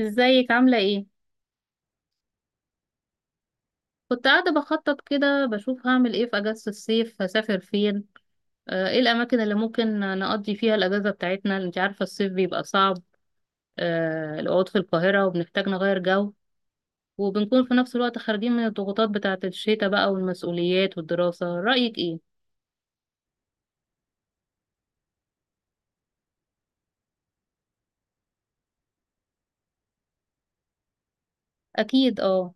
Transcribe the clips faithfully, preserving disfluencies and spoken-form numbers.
ازيك عاملة ايه؟ كنت قاعدة بخطط كده بشوف هعمل ايه في اجازة الصيف هسافر فين. آه، ايه الاماكن اللي ممكن نقضي فيها الاجازة بتاعتنا، انت عارفة الصيف بيبقى صعب. آه، القعود في القاهرة وبنحتاج نغير جو، وبنكون في نفس الوقت خارجين من الضغوطات بتاعة الشتاء بقى والمسؤوليات والدراسة، رأيك ايه؟ اكيد اه.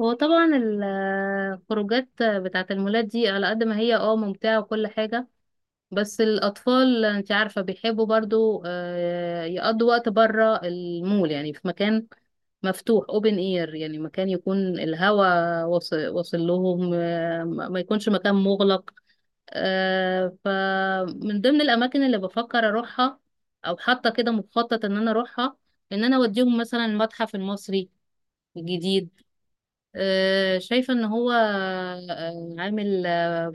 هو طبعا الخروجات بتاعة المولات دي على قد ما هي اه ممتعة وكل حاجة، بس الأطفال أنت عارفة بيحبوا برضو آه، يقضوا وقت بره المول، يعني في مكان مفتوح اوبن اير، يعني مكان يكون الهواء واصل واصل لهم، آه، ما ما يكونش مكان مغلق. آه، فمن ضمن الأماكن اللي بفكر أروحها أو حاطة كده مخطط إن أنا أروحها، إن أنا أوديهم مثلا المتحف المصري الجديد. آه، شايفة ان هو آه، عامل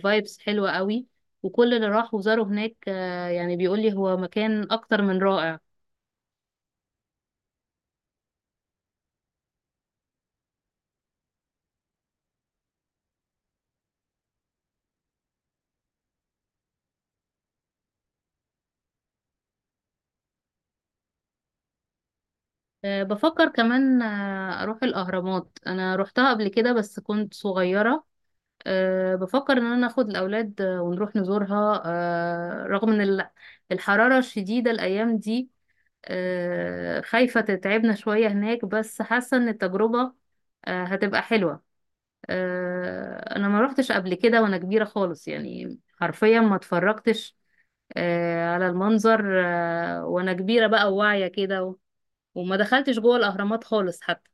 فايبس حلوة قوي، وكل اللي راح وزاره هناك آه، يعني بيقول لي هو مكان اكتر من رائع. آه، بفكر كمان آه، اروح الاهرامات، انا روحتها قبل كده بس كنت صغيرة. آه، بفكر ان انا اخد الاولاد آه، ونروح نزورها، آه، رغم ان ال- الحرارة الشديدة الايام دي آه، خايفة تتعبنا شوية هناك، بس حاسة ان التجربة آه، هتبقى حلوة. آه، انا ما روحتش قبل كده وانا كبيرة خالص، يعني حرفيا ما اتفرجتش آه، على المنظر آه، وانا كبيرة بقى وواعية كده و- وما دخلتش جوه الاهرامات خالص حتى.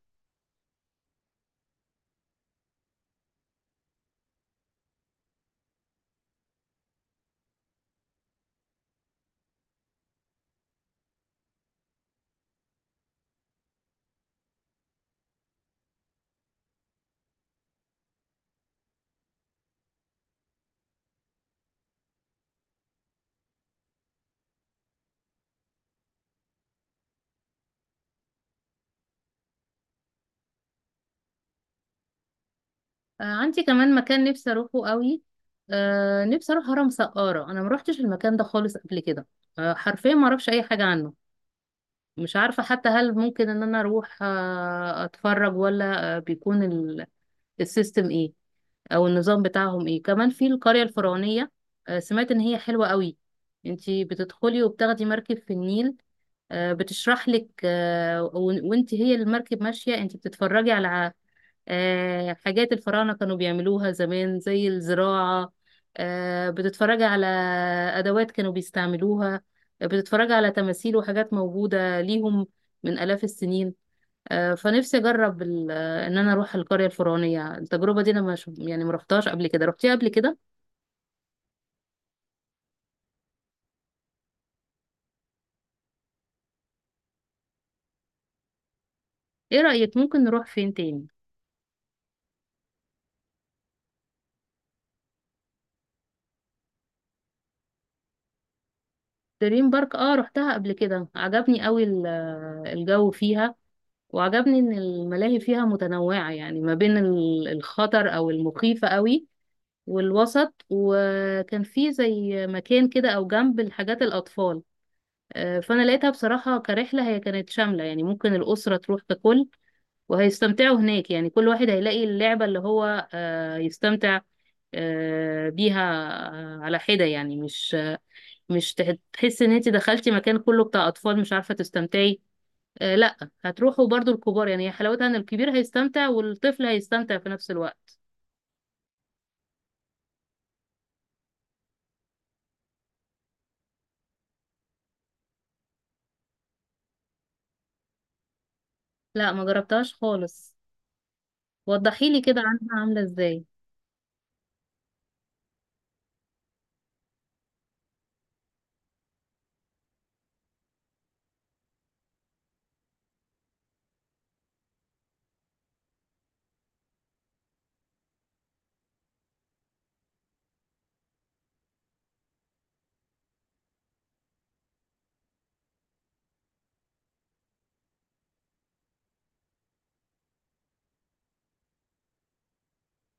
آه، عندي كمان مكان نفسي اروحه قوي. آه، نفسي اروح هرم سقارة، انا ما روحتش المكان ده خالص قبل كده. آه، حرفيا ما اعرفش اي حاجة عنه، مش عارفة حتى هل ممكن ان انا اروح آه، اتفرج ولا آه، بيكون ال- السيستم ايه او النظام بتاعهم ايه. كمان في القرية الفرعونية، آه، سمعت ان هي حلوة قوي، انتي بتدخلي وبتاخدي مركب في النيل، آه، بتشرح لك، آه، ون- وانتي هي المركب ماشية انتي بتتفرجي على آه، حاجات الفراعنة كانوا بيعملوها زمان زي الزراعة، آه، بتتفرجي على أدوات كانوا بيستعملوها، آه، بتتفرجي على تماثيل وحاجات موجودة ليهم من آلاف السنين. آه، فنفسي اجرب ال- آه، ان انا اروح القرية الفرعونية، التجربة دي انا مش يعني ما رحتهاش قبل كده، رحتيها قبل كده؟ ايه رأيك ممكن نروح فين تاني؟ دريم بارك اه رحتها قبل كده، عجبني قوي ال- آه، الجو فيها، وعجبني ان الملاهي فيها متنوعة يعني ما بين ال- الخطر او المخيفة قوي والوسط، وكان في زي مكان كده او جنب الحاجات الاطفال. آه، فانا لقيتها بصراحة كرحلة هي كانت شاملة، يعني ممكن الأسرة تروح ككل وهيستمتعوا هناك، يعني كل واحد هيلاقي اللعبة اللي هو آه، يستمتع آه، بيها آه، على حدة، يعني مش مش تح- تحس ان انت دخلتي مكان كله بتاع اطفال مش عارفة تستمتعي. آه، لا، هتروحوا برضو الكبار، يعني هي حلاوتها ان الكبير هيستمتع والطفل هيستمتع في نفس الوقت. لا، ما جربتهاش خالص، وضحي لي كده عنها عاملة ازاي.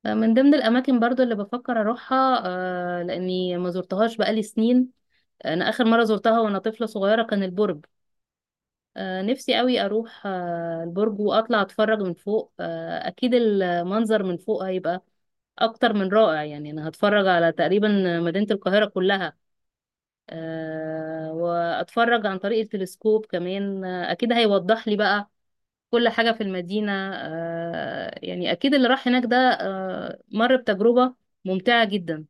آه، من ضمن الاماكن برضو اللي بفكر اروحها، آه، لاني ما زرتهاش بقالي سنين، انا اخر مرة زرتها وانا طفلة صغيرة، كان البرج. آه، نفسي قوي اروح آه، البرج واطلع اتفرج من فوق، آه، اكيد المنظر من فوق هيبقى اكتر من رائع، يعني انا هتفرج على تقريبا مدينة القاهرة كلها. آه، واتفرج عن طريق التلسكوب كمان، آه، اكيد هيوضح لي بقى كل حاجة في المدينة، آه، يعني اكيد اللي راح هناك ده آه، مر بتجربة ممتعة جدا.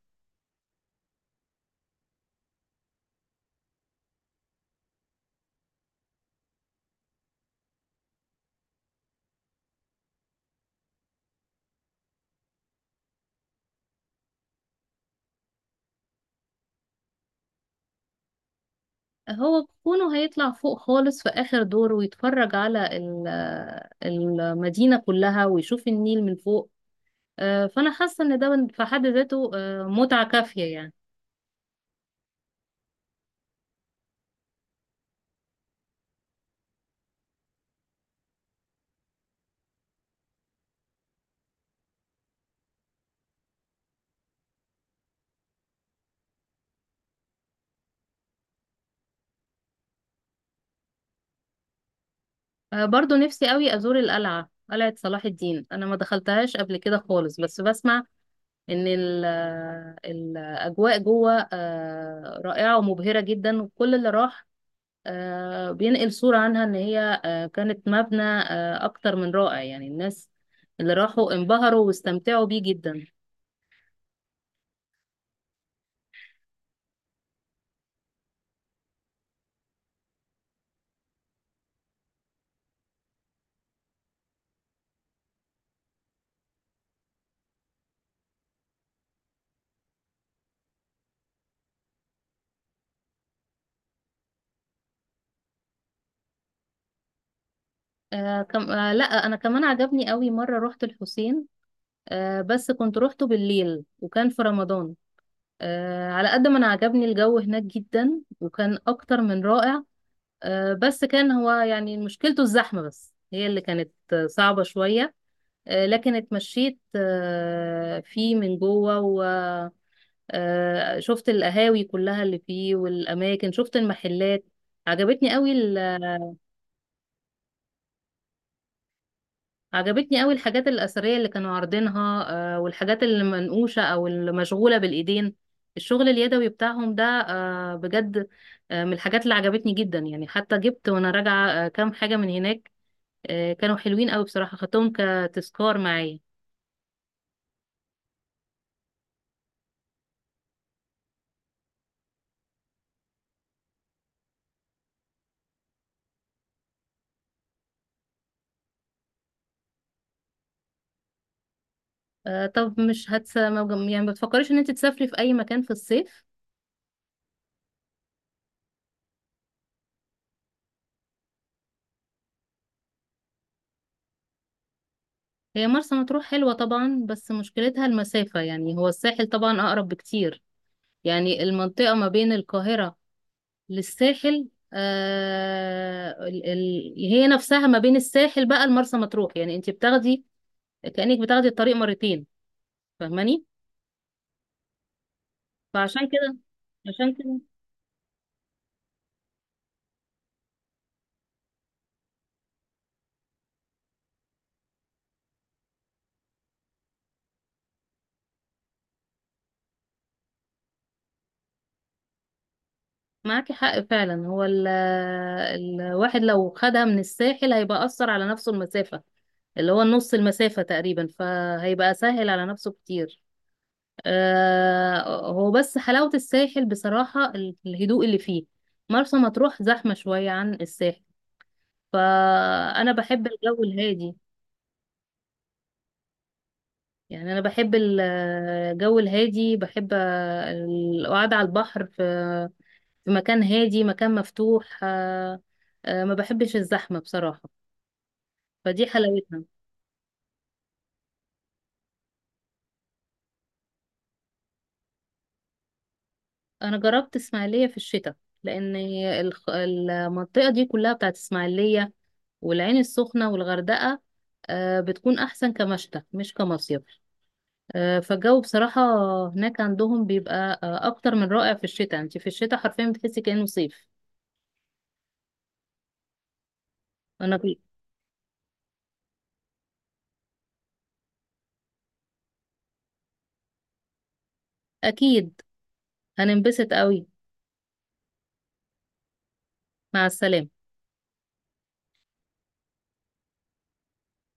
هو كونه هيطلع فوق خالص في آخر دور ويتفرج على ال- آه، المدينة كلها ويشوف النيل من فوق، آه، فانا حاسه ان ده في حد ذاته آه، متعه كافيه يعني. آه، برضو نفسي قوي ازور القلعه، قلعه صلاح الدين، انا ما دخلتهاش قبل كده خالص، بس بسمع ان ال- آه، الاجواء جوه آه، رائعه ومبهره جدا، وكل اللي راح آه، بينقل صوره عنها ان هي آه، كانت مبنى آه، اكتر من رائع، يعني الناس اللي راحوا انبهروا واستمتعوا بيه جدا. آه، كم... آه، لا انا كمان عجبني قوي مره رحت الحسين، آه بس كنت روحته بالليل وكان في رمضان. آه على قد ما انا عجبني الجو هناك جدا وكان اكتر من رائع، آه بس كان هو يعني مشكلته الزحمة، بس هي اللي كانت آه، صعبة شوية. آه لكن اتمشيت آه فيه من جوه و آه شفت القهاوي كلها اللي فيه والاماكن، شفت المحلات عجبتني قوي. عجبتني قوي الحاجات الأثرية اللي كانوا عارضينها آه، والحاجات اللي منقوشة أو المشغولة بالإيدين، الشغل اليدوي بتاعهم ده آه، بجد آه، من الحاجات اللي عجبتني جدا، يعني حتى جبت وأنا راجعة آه، كام حاجة من هناك آه، كانوا حلوين قوي بصراحة، خدتهم كتذكار معايا. آه، طب مش هتس ما بج- يعني ما بتفكريش إن أنت تسافري في أي مكان في الصيف؟ هي مرسى مطروح حلوة طبعا، بس مشكلتها المسافة، يعني هو الساحل طبعا أقرب بكتير. يعني المنطقة ما بين القاهرة للساحل، آه ال- ال- هي نفسها ما بين الساحل بقى لمرسى مطروح، يعني انت بتاخدي كأنك بتاخدي الطريق مرتين، فاهماني؟ فعشان كده عشان كده معاكي حق فعلا، هو ال الواحد لو خدها من الساحل هيبقى أثر على نفسه المسافة، اللي هو نص المسافة تقريبا، فهيبقى سهل على نفسه كتير. آه هو بس حلاوة الساحل بصراحة ال- الهدوء اللي فيه، مرسى مطروح زحمة شوية عن الساحل، فأنا بحب الجو الهادي. يعني أنا بحب ال- الجو الهادي، بحب القعدة على البحر في في مكان هادي، مكان مفتوح، آه، آه، ما بحبش الزحمة بصراحة، فدي حلاوتها. أنا جربت إسماعيلية في الشتاء، لأن الخ- المنطقة دي كلها بتاعت إسماعيلية والعين السخنة والغردقة آه، بتكون أحسن كمشتى مش كمصيف. آه، فالجو بصراحة هناك عندهم بيبقى آه، أكتر من رائع في الشتاء، انت في الشتاء حرفيا بتحسي كأنه صيف. أنا في... أكيد، هننبسط قوي. مع السلامة.